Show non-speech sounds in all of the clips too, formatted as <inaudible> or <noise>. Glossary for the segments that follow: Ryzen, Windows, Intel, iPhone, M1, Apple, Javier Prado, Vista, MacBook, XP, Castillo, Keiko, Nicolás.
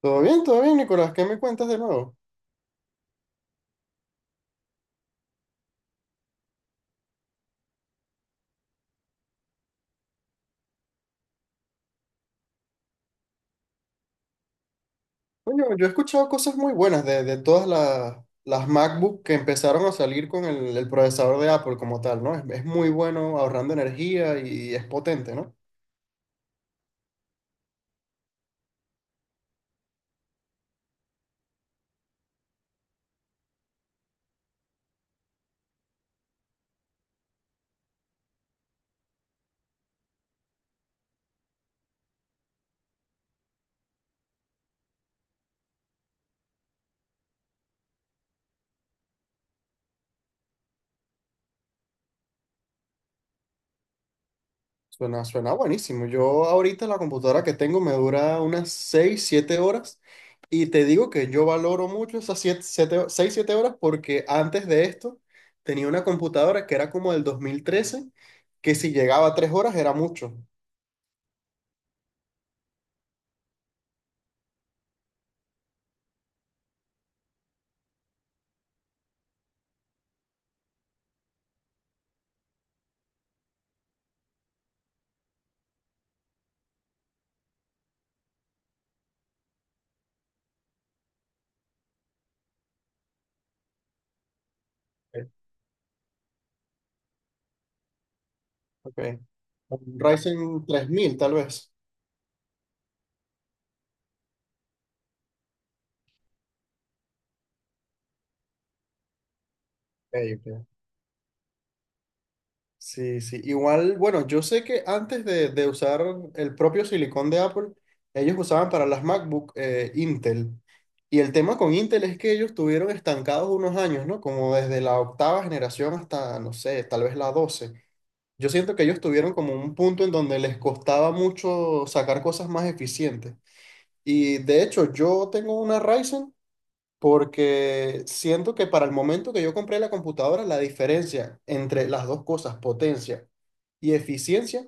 Todo bien, Nicolás. ¿Qué me cuentas de nuevo? Coño, yo he escuchado cosas muy buenas de todas las MacBook que empezaron a salir con el procesador de Apple como tal, ¿no? Es muy bueno ahorrando energía y es potente, ¿no? Suena buenísimo. Yo ahorita la computadora que tengo me dura unas 6 7 horas, y te digo que yo valoro mucho esas siete seis siete horas, porque antes de esto tenía una computadora que era como del dos mil trece, que si llegaba a 3 horas era mucho. Ok. Un Ryzen 3000 tal vez. Ok, ok. Sí, sí. Igual, bueno, yo sé que antes de usar el propio silicón de Apple, ellos usaban para las MacBook Intel. Y el tema con Intel es que ellos estuvieron estancados unos años, ¿no? Como desde la octava generación hasta, no sé, tal vez la 12. Yo siento que ellos tuvieron como un punto en donde les costaba mucho sacar cosas más eficientes. Y de hecho, yo tengo una Ryzen, porque siento que para el momento que yo compré la computadora, la diferencia entre las dos cosas, potencia y eficiencia,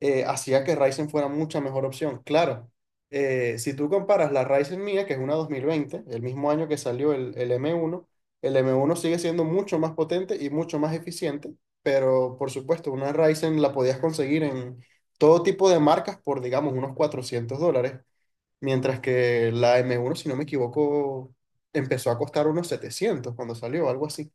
hacía que Ryzen fuera mucha mejor opción. Claro, si tú comparas la Ryzen mía, que es una 2020, el mismo año que salió el M1, el M1 sigue siendo mucho más potente y mucho más eficiente, pero por supuesto, una Ryzen la podías conseguir en todo tipo de marcas por, digamos, unos $400. Mientras que la m uno, si no me equivoco, empezó a costar unos 700 cuando salió, algo así.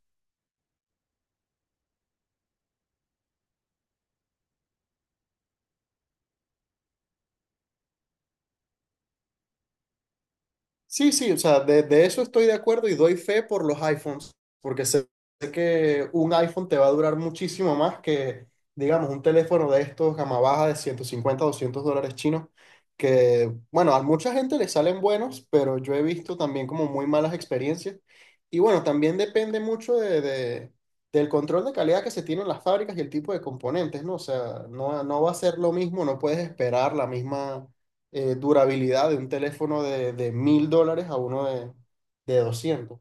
Sí, sí, o sea, de eso estoy de acuerdo y doy fe por los iPhones, porque sé que un iPhone te va a durar muchísimo más que, digamos, un teléfono de estos gama baja de 150, 200 dólares chinos, que, bueno, a mucha gente le salen buenos, pero yo he visto también como muy malas experiencias. Y bueno, también depende mucho del control de calidad que se tiene en las fábricas y el tipo de componentes, ¿no? O sea, no, no va a ser lo mismo, no puedes esperar la misma durabilidad de un teléfono de mil dólares a uno de doscientos.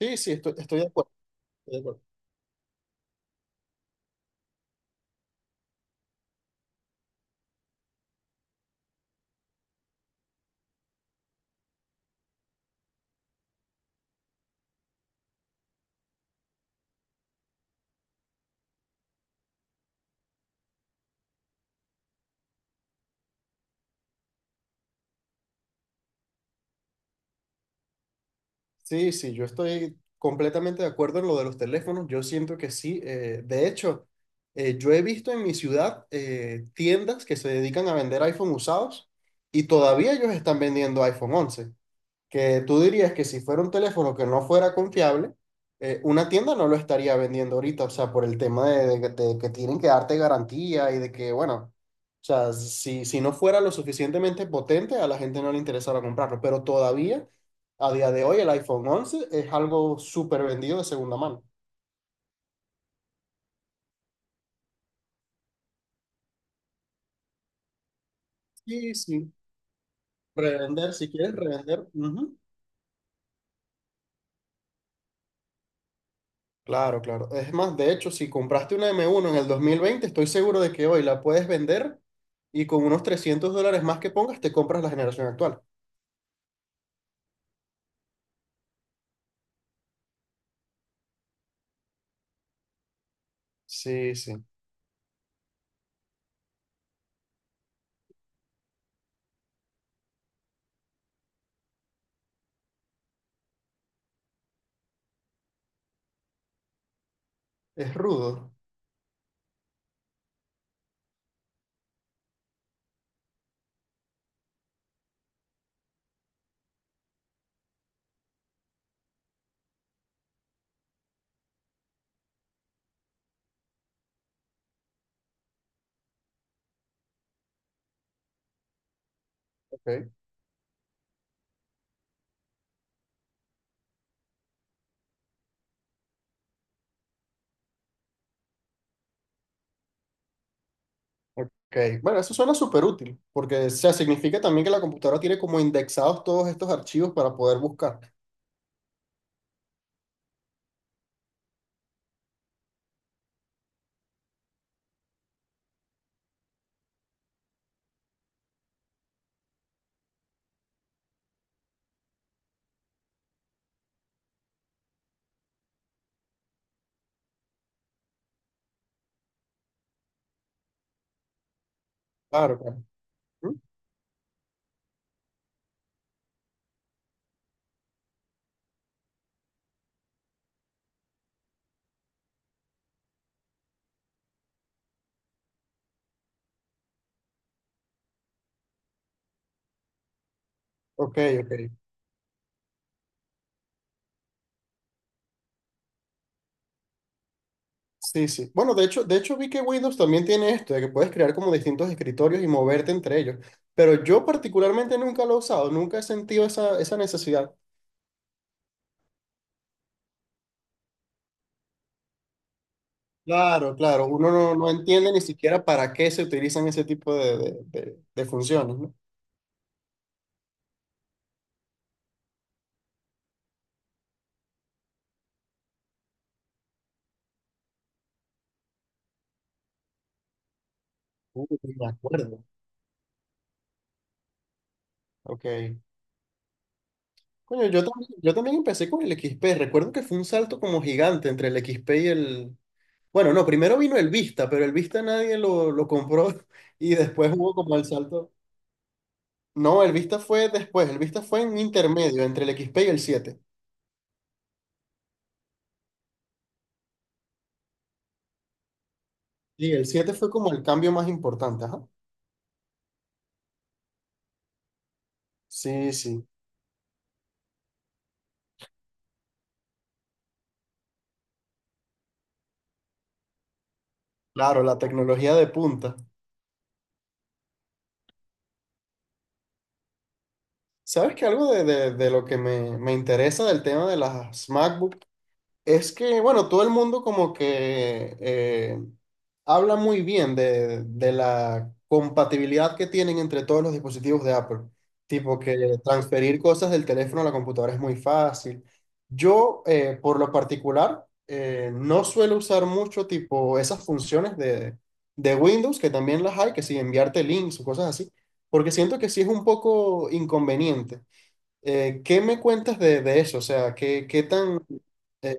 Sí, sí, estoy de acuerdo, estoy de acuerdo. Sí, sí, yo estoy completamente de acuerdo en lo de los teléfonos. Yo siento que sí. De hecho, yo he visto en mi ciudad tiendas que se dedican a vender iPhone usados, y todavía ellos están vendiendo iPhone once, que tú dirías que si fuera un teléfono que no fuera confiable, una tienda no lo estaría vendiendo ahorita, o sea, por el tema de que tienen que darte garantía y de que, bueno, o sea, si, si no fuera lo suficientemente potente, a la gente no le interesara comprarlo, pero todavía, a día de hoy, el iPhone 11 es algo súper vendido de segunda mano. Sí, sí. Revender, si quieres revender. Ujú. Claro, claro. Es más, de hecho, si compraste una m uno en el 2020, estoy seguro de que hoy la puedes vender, y con unos 300 dólares más que pongas, te compras la generación actual. Sí, sí. Es rudo. Ok, ok. Bueno, eso suena súper útil, porque o sea, significa también que la computadora tiene como indexados todos estos archivos para poder buscar. Claro, claro. ¿Mm? Ok, ok. Sí, sí. Bueno, de hecho vi que Windows también tiene esto, de que puedes crear como distintos escritorios y moverte entre ellos. Pero yo particularmente nunca lo he usado, nunca he sentido esa, esa necesidad. Claro, claro, uno no, no entiende ni siquiera para qué se utilizan ese tipo de funciones, ¿no? Uy, me acuerdo. Ok. Coño, yo también empecé con el XP. Recuerdo que fue un salto como gigante entre el XP y el... Bueno, no, primero vino el Vista, pero el Vista nadie lo compró <laughs> y después hubo como el salto. No, el Vista fue después, el Vista fue en intermedio entre el X XP y el siete. Y el 7 fue como el cambio más importante, ajá. Sí, sí, claro, la tecnología de punta. ¿Sabes que algo de lo que me interesa del tema de las MacBook? Es que, bueno, todo el mundo como que habla muy bien de la compatibilidad que tienen entre todos los dispositivos de Apple. Tipo que transferir cosas del teléfono a la computadora es muy fácil. Yo, por lo particular, no suelo usar mucho tipo esas funciones de Windows, que también las hay, que si enviarte links o cosas así, porque siento que sí es un poco inconveniente. ¿Qué me cuentas de eso? O sea, ¿qué, qué tan... eh,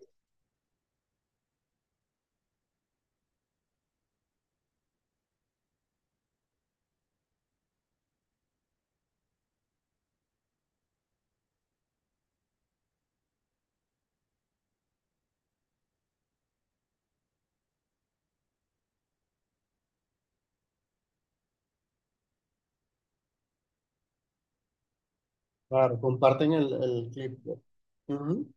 Claro, comparten el clip, ¿no? Ujú,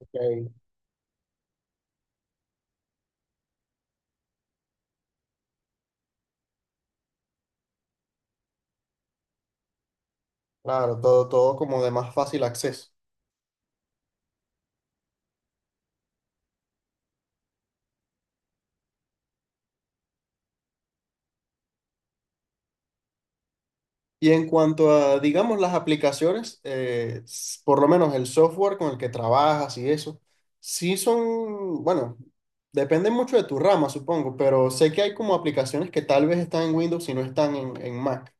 ok. Claro, todo, todo como de más fácil acceso. Y en cuanto a, digamos, las aplicaciones, por lo menos el software con el que trabajas y eso, sí son, bueno, depende mucho de tu rama, supongo, pero sé que hay como aplicaciones que tal vez están en Windows y no están en Mac.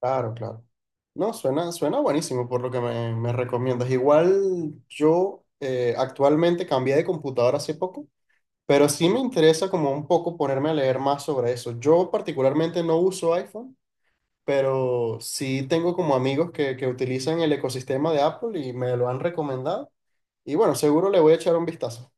Claro, claro. No, suena, suena buenísimo por lo que me recomiendas. Igual yo actualmente cambié de computadora hace poco. Pero sí me interesa como un poco ponerme a leer más sobre eso. Yo particularmente no uso iPhone, pero sí tengo como amigos que utilizan el ecosistema de Apple y me lo han recomendado. Y bueno, seguro le voy a echar un vistazo.